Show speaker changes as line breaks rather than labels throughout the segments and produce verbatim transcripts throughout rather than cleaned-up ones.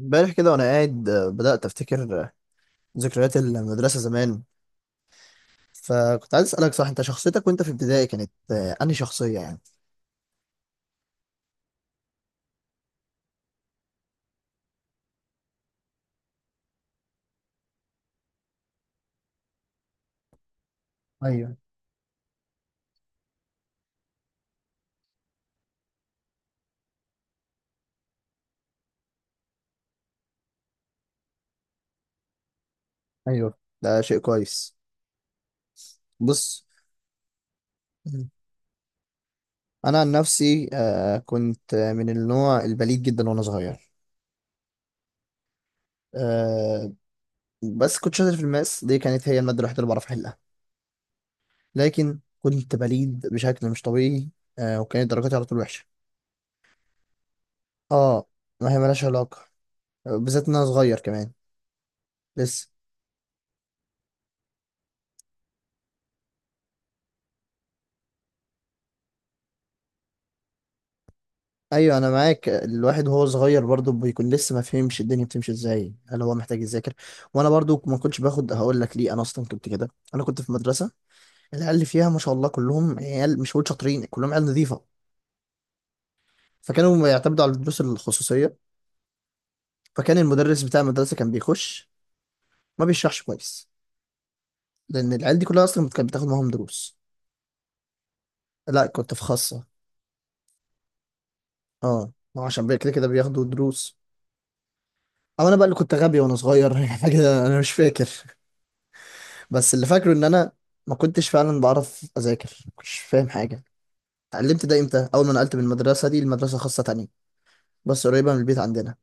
امبارح كده وانا قاعد آه، بدأت افتكر آه، ذكريات المدرسة زمان. فكنت عايز اسألك، صح؟ انت شخصيتك وانت في ابتدائي كانت آه، انهي شخصية يعني؟ ايوه. ايوه، ده شيء كويس. بص. مم. انا عن نفسي آه، كنت آه، من النوع البليد جدا وانا صغير. آه، بس كنت شاطر في الماس، دي كانت هي المادة الوحيدة اللي بعرف أحلها. لكن كنت بليد بشكل مش طبيعي. آه، وكانت درجاتي على طول وحشة. اه، ما هي ملهاش علاقة. آه، بالذات إن أنا صغير كمان، لسه. أيوة أنا معاك. آه، الواحد وهو صغير برضه بيكون لسه ما فهمش الدنيا بتمشي إزاي، هل هو محتاج يذاكر. وأنا برضه ما كنتش باخد، هقول لك ليه. أنا أصلا كنت كده. أنا كنت في مدرسة، العيال اللي فيها ما شاء الله كلهم عيال، مش هقول شاطرين، كلهم عيال نظيفة. فكانوا يعتمدوا على الدروس الخصوصية. فكان المدرس بتاع المدرسة كان بيخش ما بيشرحش كويس، لان العيال دي كلها اصلا كانت بتاخد معاهم دروس. لا، كنت في خاصه. اه، ما هو عشان بي- كده كده بياخدوا دروس. او انا بقى اللي كنت غبي وانا صغير حاجه انا مش فاكر. بس اللي فاكره ان انا ما كنتش فعلا بعرف اذاكر، ما كنتش فاهم حاجه. اتعلمت ده امتى؟ اول ما نقلت من المدرسه دي لمدرسه خاصه تانية، بس قريبه من البيت عندنا.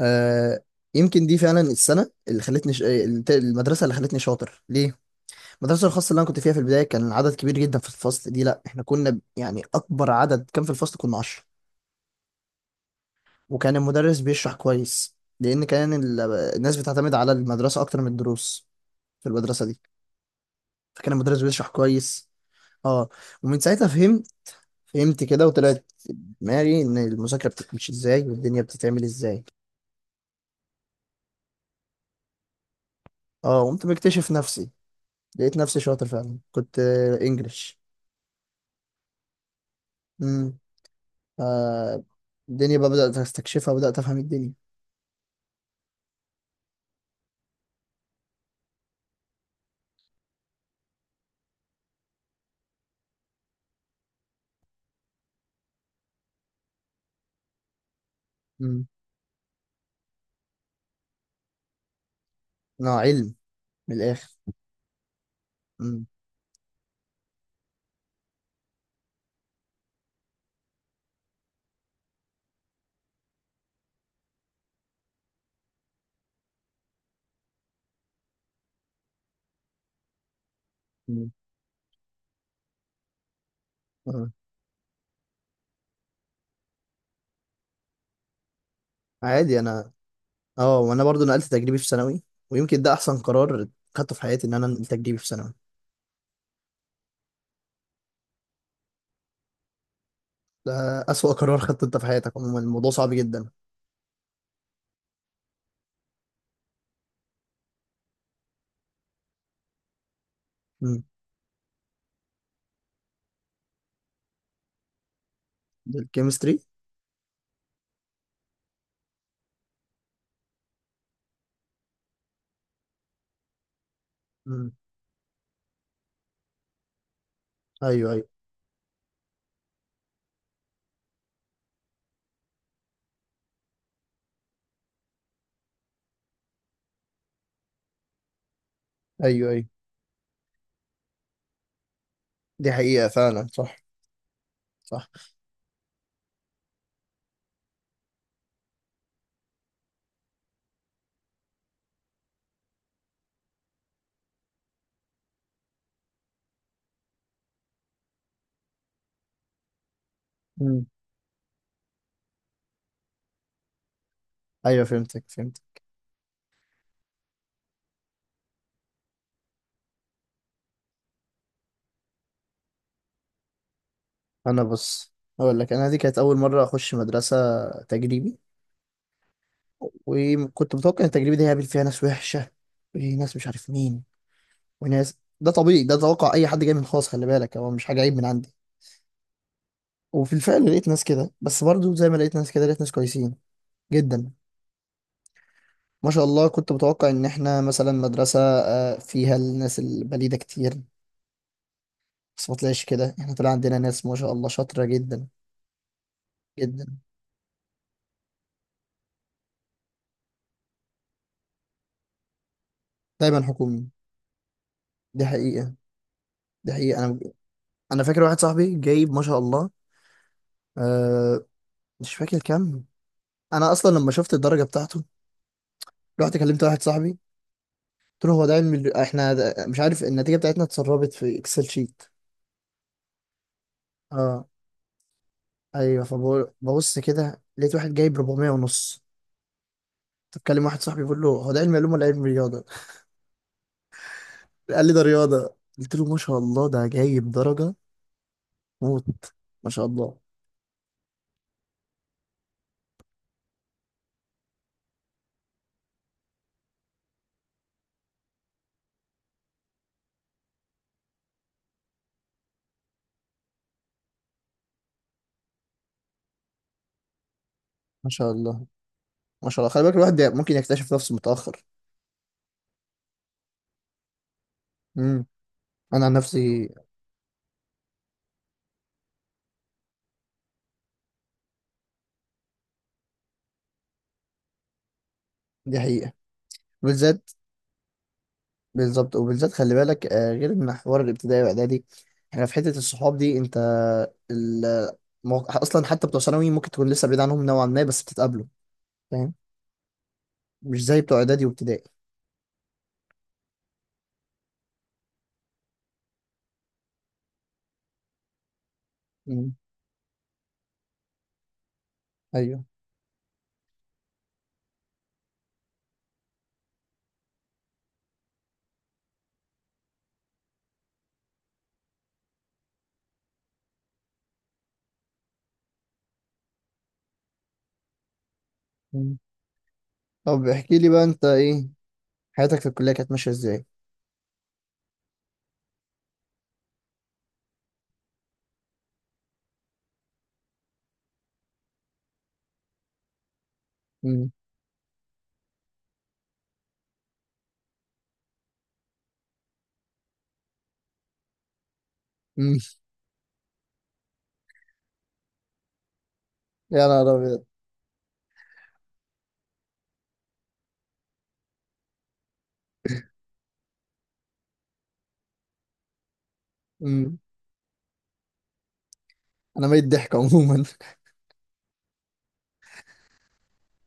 آه، يمكن دي فعلا السنه اللي خلتني ش... المدرسه اللي خلتني شاطر ليه. المدرسه الخاصه اللي انا كنت فيها في البدايه كان العدد كبير جدا في الفصل. دي لا، احنا كنا يعني اكبر عدد كان في الفصل كنا عشرة. وكان المدرس بيشرح كويس، لأن كان ال- الناس بتعتمد على المدرسة أكتر من الدروس في المدرسة دي. فكان المدرس بيشرح كويس. اه. ومن ساعتها فهمت فهمت كده، وطلعت في دماغي إن المذاكرة بتمشي إزاي والدنيا بتتعمل إزاي. اه، قمت بكتشف نفسي. لقيت نفسي شاطر فعلا. كنت آه، إنجلش. امم. آه، الدنيا بقى بدأت أستكشفها. بدأت أفهم الدنيا. امم. أنا علم، من الآخر. امم. امم. آه. عادي. أنا اه، وانا برضو نقلت تجريبي في ثانوي، ويمكن ده احسن قرار خدته في حياتي، ان انا انقل تجريبي في ثانوي. ده اسوأ قرار خدته انت في حياتك، عموما الموضوع صعب جدا. امم. الكيمستري. امم. ايوه ايوه. ايوه ايوه، دي حقيقة فعلا. صح، صح. امم. ايوه، فهمتك فهمتك. انا بص، اقول لك. انا دي كانت اول مرة اخش مدرسة تجريبي. وكنت متوقع ان التجربة دي هيقابل فيها ناس وحشة، وناس مش عارف مين، وناس. ده طبيعي، ده توقع اي حد جاي من خاص، خلي بالك هو مش حاجة عيب من عندي. وفي الفعل لقيت ناس كده، بس برضو زي ما لقيت ناس كده لقيت ناس كويسين جدا. ما شاء الله. كنت متوقع ان احنا مثلا مدرسة آه، فيها الناس البليدة كتير، بس ما طلعش كده، احنا طلع عندنا ناس ما شاء الله شاطرة جدا جدا. دايما حكومي. دي حقيقة. دي حقيقة. انا انا فاكر واحد صاحبي جايب ما شاء الله. أه، مش فاكر كام. انا اصلا لما شفت الدرجة بتاعته رحت كلمت واحد صاحبي، قلت له هو ده علم ال- احنا ده- مش عارف، النتيجة بتاعتنا اتسربت في اكسل شيت. اه، ايوه، فبقول ببص كده لقيت واحد جايب أربعمائة ونص. بتكلم واحد صاحبي، بيقول له هو ده علم علوم ولا علم رياضه. قال لي ده رياضه، قلت له ما شاء الله ده جايب درجه موت. ما شاء الله ما شاء الله. ما شاء الله، خلي بالك الواحد ممكن يكتشف نفسه متاخر. امم. انا عن نفسي. دي حقيقه. بالذات. بالظبط، وبالذات خلي بالك آه، غير ان حوار الابتدائي واعدادي، احنا في حته الصحاب دي. انت ال... مو- اصلا حتى بتوع ثانوي ممكن تكون لسه بعيد عنهم نوعا ما، بس بتتقابلوا. فاهم؟ مش زي بتوع اعدادي وابتدائي. ايوه. مم. طب احكي لي بقى انت، ايه حياتك في الكليه كانت ماشيه ازاي؟ مم. مم. يا نهار ابيض! مم. انا ميت ضحك عموما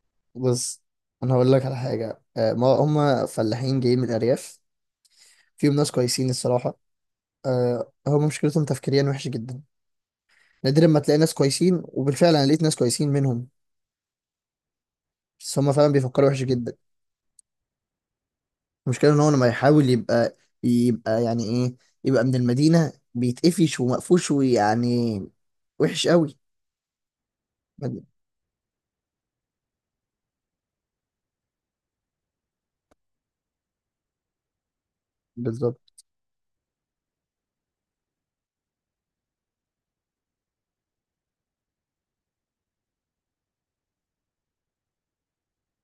بص، انا هقول لك على حاجه. آه، ما هم فلاحين جايين من الارياف، فيهم ناس كويسين الصراحه. آه، هم مشكلتهم تفكيريا وحش جدا. نادرا ما تلاقي ناس كويسين، وبالفعل انا لقيت ناس كويسين منهم. بس هم فعلا بيفكروا وحش جدا. المشكله ان هو لما يحاول يبقى يبقى يعني ايه، يبقى من المدينه، بيتقفش ومقفوش ويعني وحش قوي. بالظبط.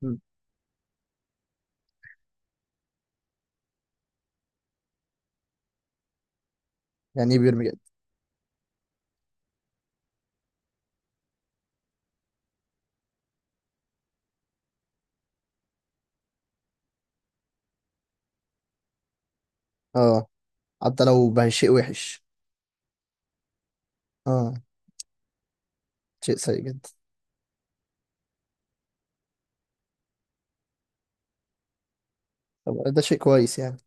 مم. يعني ايه بيرمي جد؟ اه، حتى لو بقى شيء وحش. اه، شيء سيء جدا. طب ده شيء كويس يعني.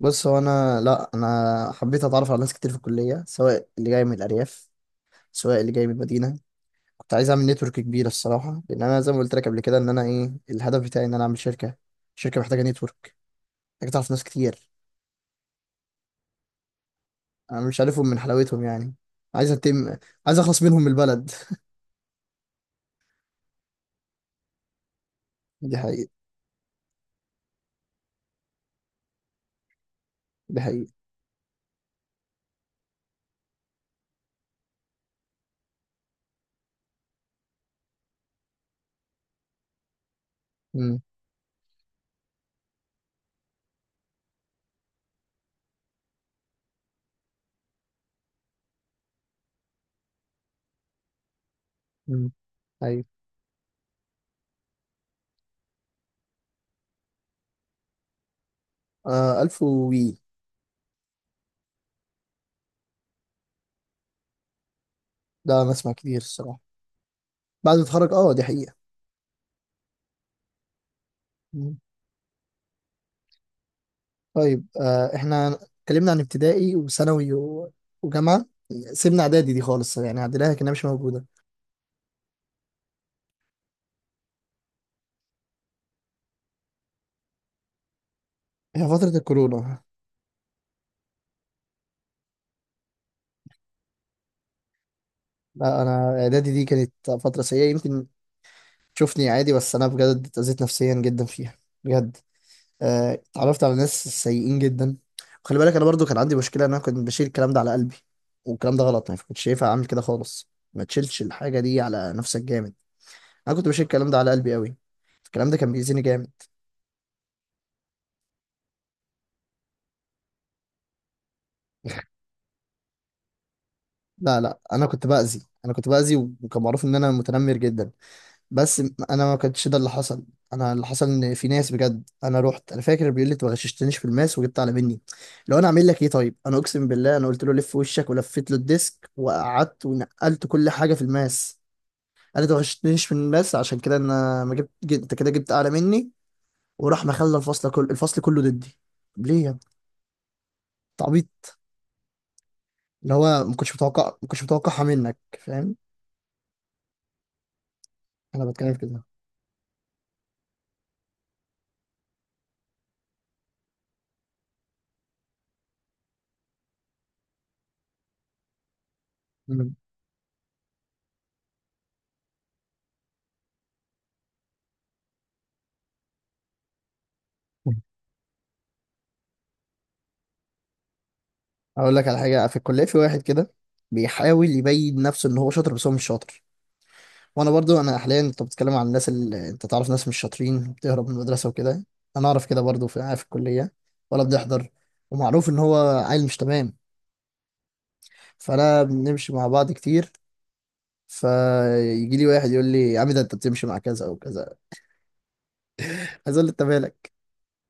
بص هو انا. لا، انا حبيت اتعرف على ناس كتير في الكليه، سواء اللي جاي من الارياف سواء اللي جاي من المدينه. كنت عايز اعمل نتورك كبيره الصراحه، لان انا زي ما قلت لك قبل كده، ان انا ايه الهدف بتاعي، ان انا اعمل شركه. شركه محتاجه نتورك، محتاجه تعرف ناس كتير. انا مش عارفهم من حلاوتهم يعني. عايز اتم. عايز اخلص منهم من البلد. دي حقيقه. دي حقيقه. امم. امم. ايوه. آه، ألف وي. ده انا اسمع كتير الصراحه. بعد ما اتخرج، اه، دي حقيقه. مم. طيب، آه، احنا اتكلمنا عن ابتدائي وثانوي و- وجامعه. سيبنا اعدادي دي خالص، يعني عدناها كانها مش موجوده. هي فتره الكورونا. لا، انا اعدادي دي كانت فتره سيئه. يمكن تشوفني عادي، بس انا بجد اتأذيت نفسيا جدا فيها. بجد. آه، اتعرفت على ناس سيئين جدا. وخلي بالك انا برضو كان عندي مشكله ان انا كنت بشيل الكلام ده على قلبي. والكلام ده غلط، ما كنتش شايفها. اعمل كده خالص، ما تشيلش الحاجه دي على نفسك جامد. انا كنت بشيل الكلام ده على قلبي قوي. الكلام ده كان بيأذيني جامد. لا لا، انا كنت باذي. انا كنت باذي، وكان معروف ان انا متنمر جدا. بس م- انا ما كانش ده اللي حصل. انا اللي حصل ان في ناس بجد، انا رحت. انا فاكر بيقول لي انت ما غششتنيش في الماس وجبت اعلى مني، لو انا اعمل لك ايه؟ طيب، انا اقسم بالله انا قلت له لف وشك، ولفيت له الديسك وقعدت ونقلت كل حاجه في الماس. انا ما غششتنيش في الماس، عشان كده انا ما جبت جبت- انت كده جبت اعلى مني. وراح مخلى الفصل كله، الفصل كله ضدي. طب ليه يا ابني؟ اللي هو ما كنتش متوقع، ما كنتش متوقعها منك، فاهم؟ انا بتكلم في كده. مم. اقول لك على حاجه في الكليه، في واحد كده بيحاول يبين نفسه ان هو شاطر، بس هو مش شاطر. وانا برضو، انا حاليا انت بتتكلم عن الناس اللي انت تعرف، ناس مش شاطرين بتهرب من المدرسه وكده. انا اعرف كده برضو في في الكليه. ولا بنحضر، ومعروف ان هو عيل مش تمام. فانا بنمشي مع بعض كتير. فيجي لي واحد يقول لي يا عم ده انت بتمشي مع كذا او كذا. عايز اقول له انت مالك؟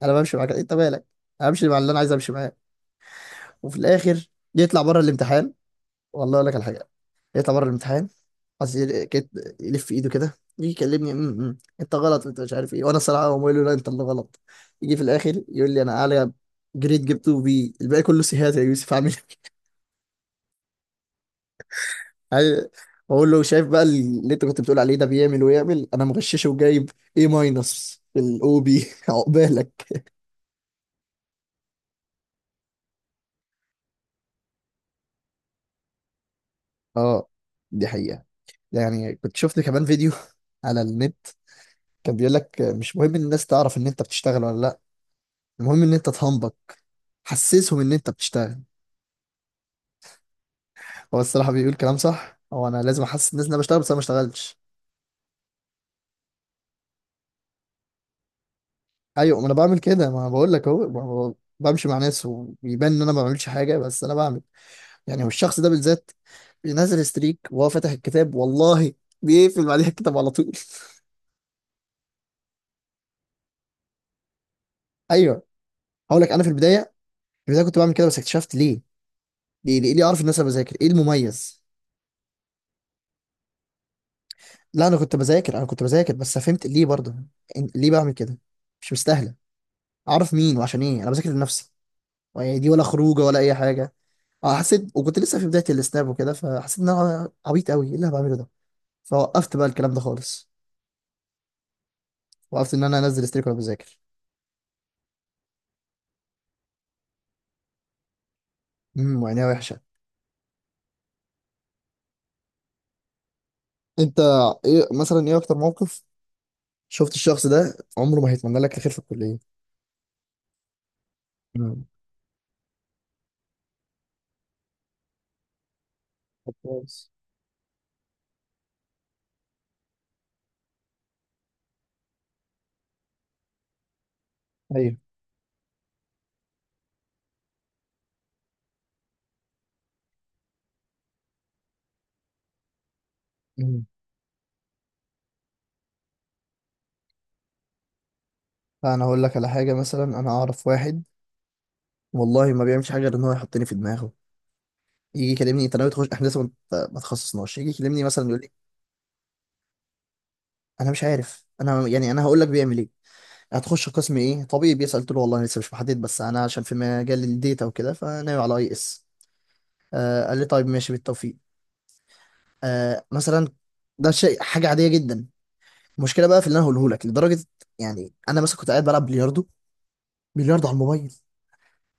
انا بمشي مع كذا، انت مالك؟ انا بمشي مع اللي انا عايز امشي معاه. وفي الاخر يطلع بره الامتحان. والله اقول لك على حاجه. يطلع بره الامتحان، عايز يل- كت- يلف ايده كده يجي يكلمني، "أم، أم، انت غلط، انت مش عارف ايه". وانا الصراحه هو بقول له لا انت اللي غلط. يجي في الاخر يقول لي انا اعلى، جريد جبته بي، الباقي كله سيهات يا يوسف. عامل إيه؟ اقول له شايف بقى اللي انت كنت بتقول عليه، ده بيعمل ويعمل انا مغششه وجايب ايه، ماينس في الاو بي عقبالك. اه، دي حقيقه. يعني كنت شفت كمان فيديو على النت، كان بيقول لك مش مهم ان الناس تعرف ان انت بتشتغل ولا لا، المهم ان انت تهنبك، حسسهم ان انت بتشتغل. هو الصراحه بيقول كلام صح. هو انا لازم احسس الناس ان انا بشتغل بس انا ما اشتغلش؟ ايوه، ما انا بعمل كده. ما أنا بقول لك اهو ب- ب- بمشي مع ناس ويبان ان انا ما بعملش حاجه بس انا بعمل. يعني هو الشخص ده بالذات بينزل ستريك وهو فاتح الكتاب، والله بيقفل بعدها الكتاب على طول. ايوه. هقول لك انا في البدايه. في البدايه كنت بعمل كده، بس اكتشفت ليه. ليه ليه, ليه اعرف الناس انا بذاكر؟ ايه المميز؟ لا، انا كنت بذاكر. انا كنت بذاكر، بس فهمت ليه برضه. إن- ليه بعمل كده؟ مش مستاهله اعرف مين وعشان ايه. انا بذاكر لنفسي، يعني دي ولا خروجه ولا اي حاجه. اه، حسيت، وكنت لسه في بدايه السناب وكده، فحسيت ان انا عبيط قوي. ايه اللي انا بعمله ده؟ فوقفت بقى الكلام ده خالص. وقفت ان انا انزل ستريك وانا بذاكر. امم، وعينيها وحشه. انت، ايه مثلا ايه اكتر موقف شفت الشخص ده عمره ما هيتمنى لك الخير في الكليه؟ مم. طب كويس. ايوه. امم. فانا هقول لك على حاجه. مثلا انا اعرف واحد، والله ما بيعملش حاجه غير ان هو يحطني في دماغه. يجي يكلمني انت ناوي تخش، احنا لسه ما ما تخصصناش. يجي يكلمني مثلا يقول لي. انا مش عارف، انا يعني انا هقول لك بيعمل ايه. هتخش قسم ايه طبيب، بيسأل. قلت له والله لسه مش محدد، بس انا عشان في مجال الديتا وكده فناوي على اي اس. آه، قال لي طيب ماشي بالتوفيق. آه مثلا، ده شيء حاجه عاديه جدا. المشكله بقى في اللي انا هقوله لك لدرجه. يعني انا مثلا كنت قاعد بلعب بلياردو، بلياردو على الموبايل.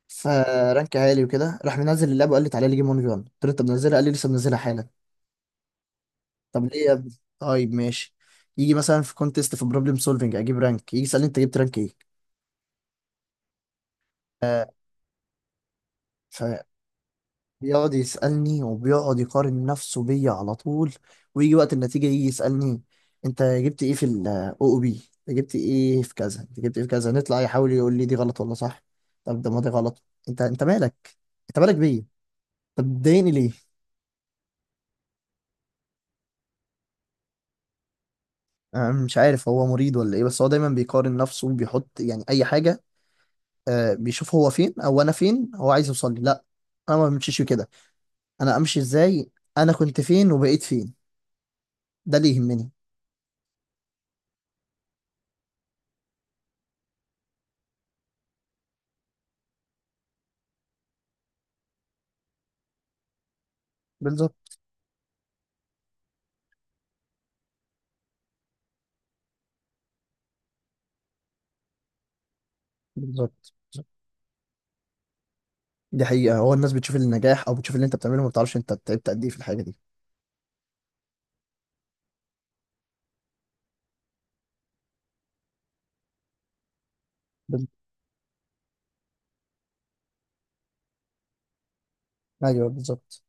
فرانك عالي وكده، راح منزل اللعبه وقال لي تعالى لي جيم واحد في واحد. قلت له انت منزلها؟ قال لي لسه منزلها حالا. طب ليه يا ابني؟ طيب ماشي. يجي مثلا في كونتيست، في بروبلم سولفنج، اجيب رانك، يجي يسالني انت جبت رانك ايه. بيقعد يسألني، وبيقعد يقارن نفسه بيا على طول. ويجي وقت النتيجة يجي يسألني انت جبت ايه في ال أو أو بي، انت جبت ايه في كذا، انت جبت ايه في كذا. نطلع يحاول يقول لي دي غلط ولا صح. طب ده ما دي غلط. انت، انت مالك؟ انت مالك بيا. طب بتضايقني ليه؟ انا مش عارف هو مريض ولا ايه، بس هو دايما بيقارن نفسه، وبيحط يعني اي حاجة. آه بيشوف هو فين او انا فين، هو عايز يوصل لي. لا، انا ما بمشيش كده. انا امشي ازاي؟ انا كنت فين وبقيت فين، ده اللي يهمني. بالظبط. بالظبط. دي حقيقة. هو الناس بتشوف النجاح أو بتشوف اللي أنت بتعمله، ما بتعرفش أنت تعبت قد إيه في الحاجة دي. بال- أيوه بالظبط.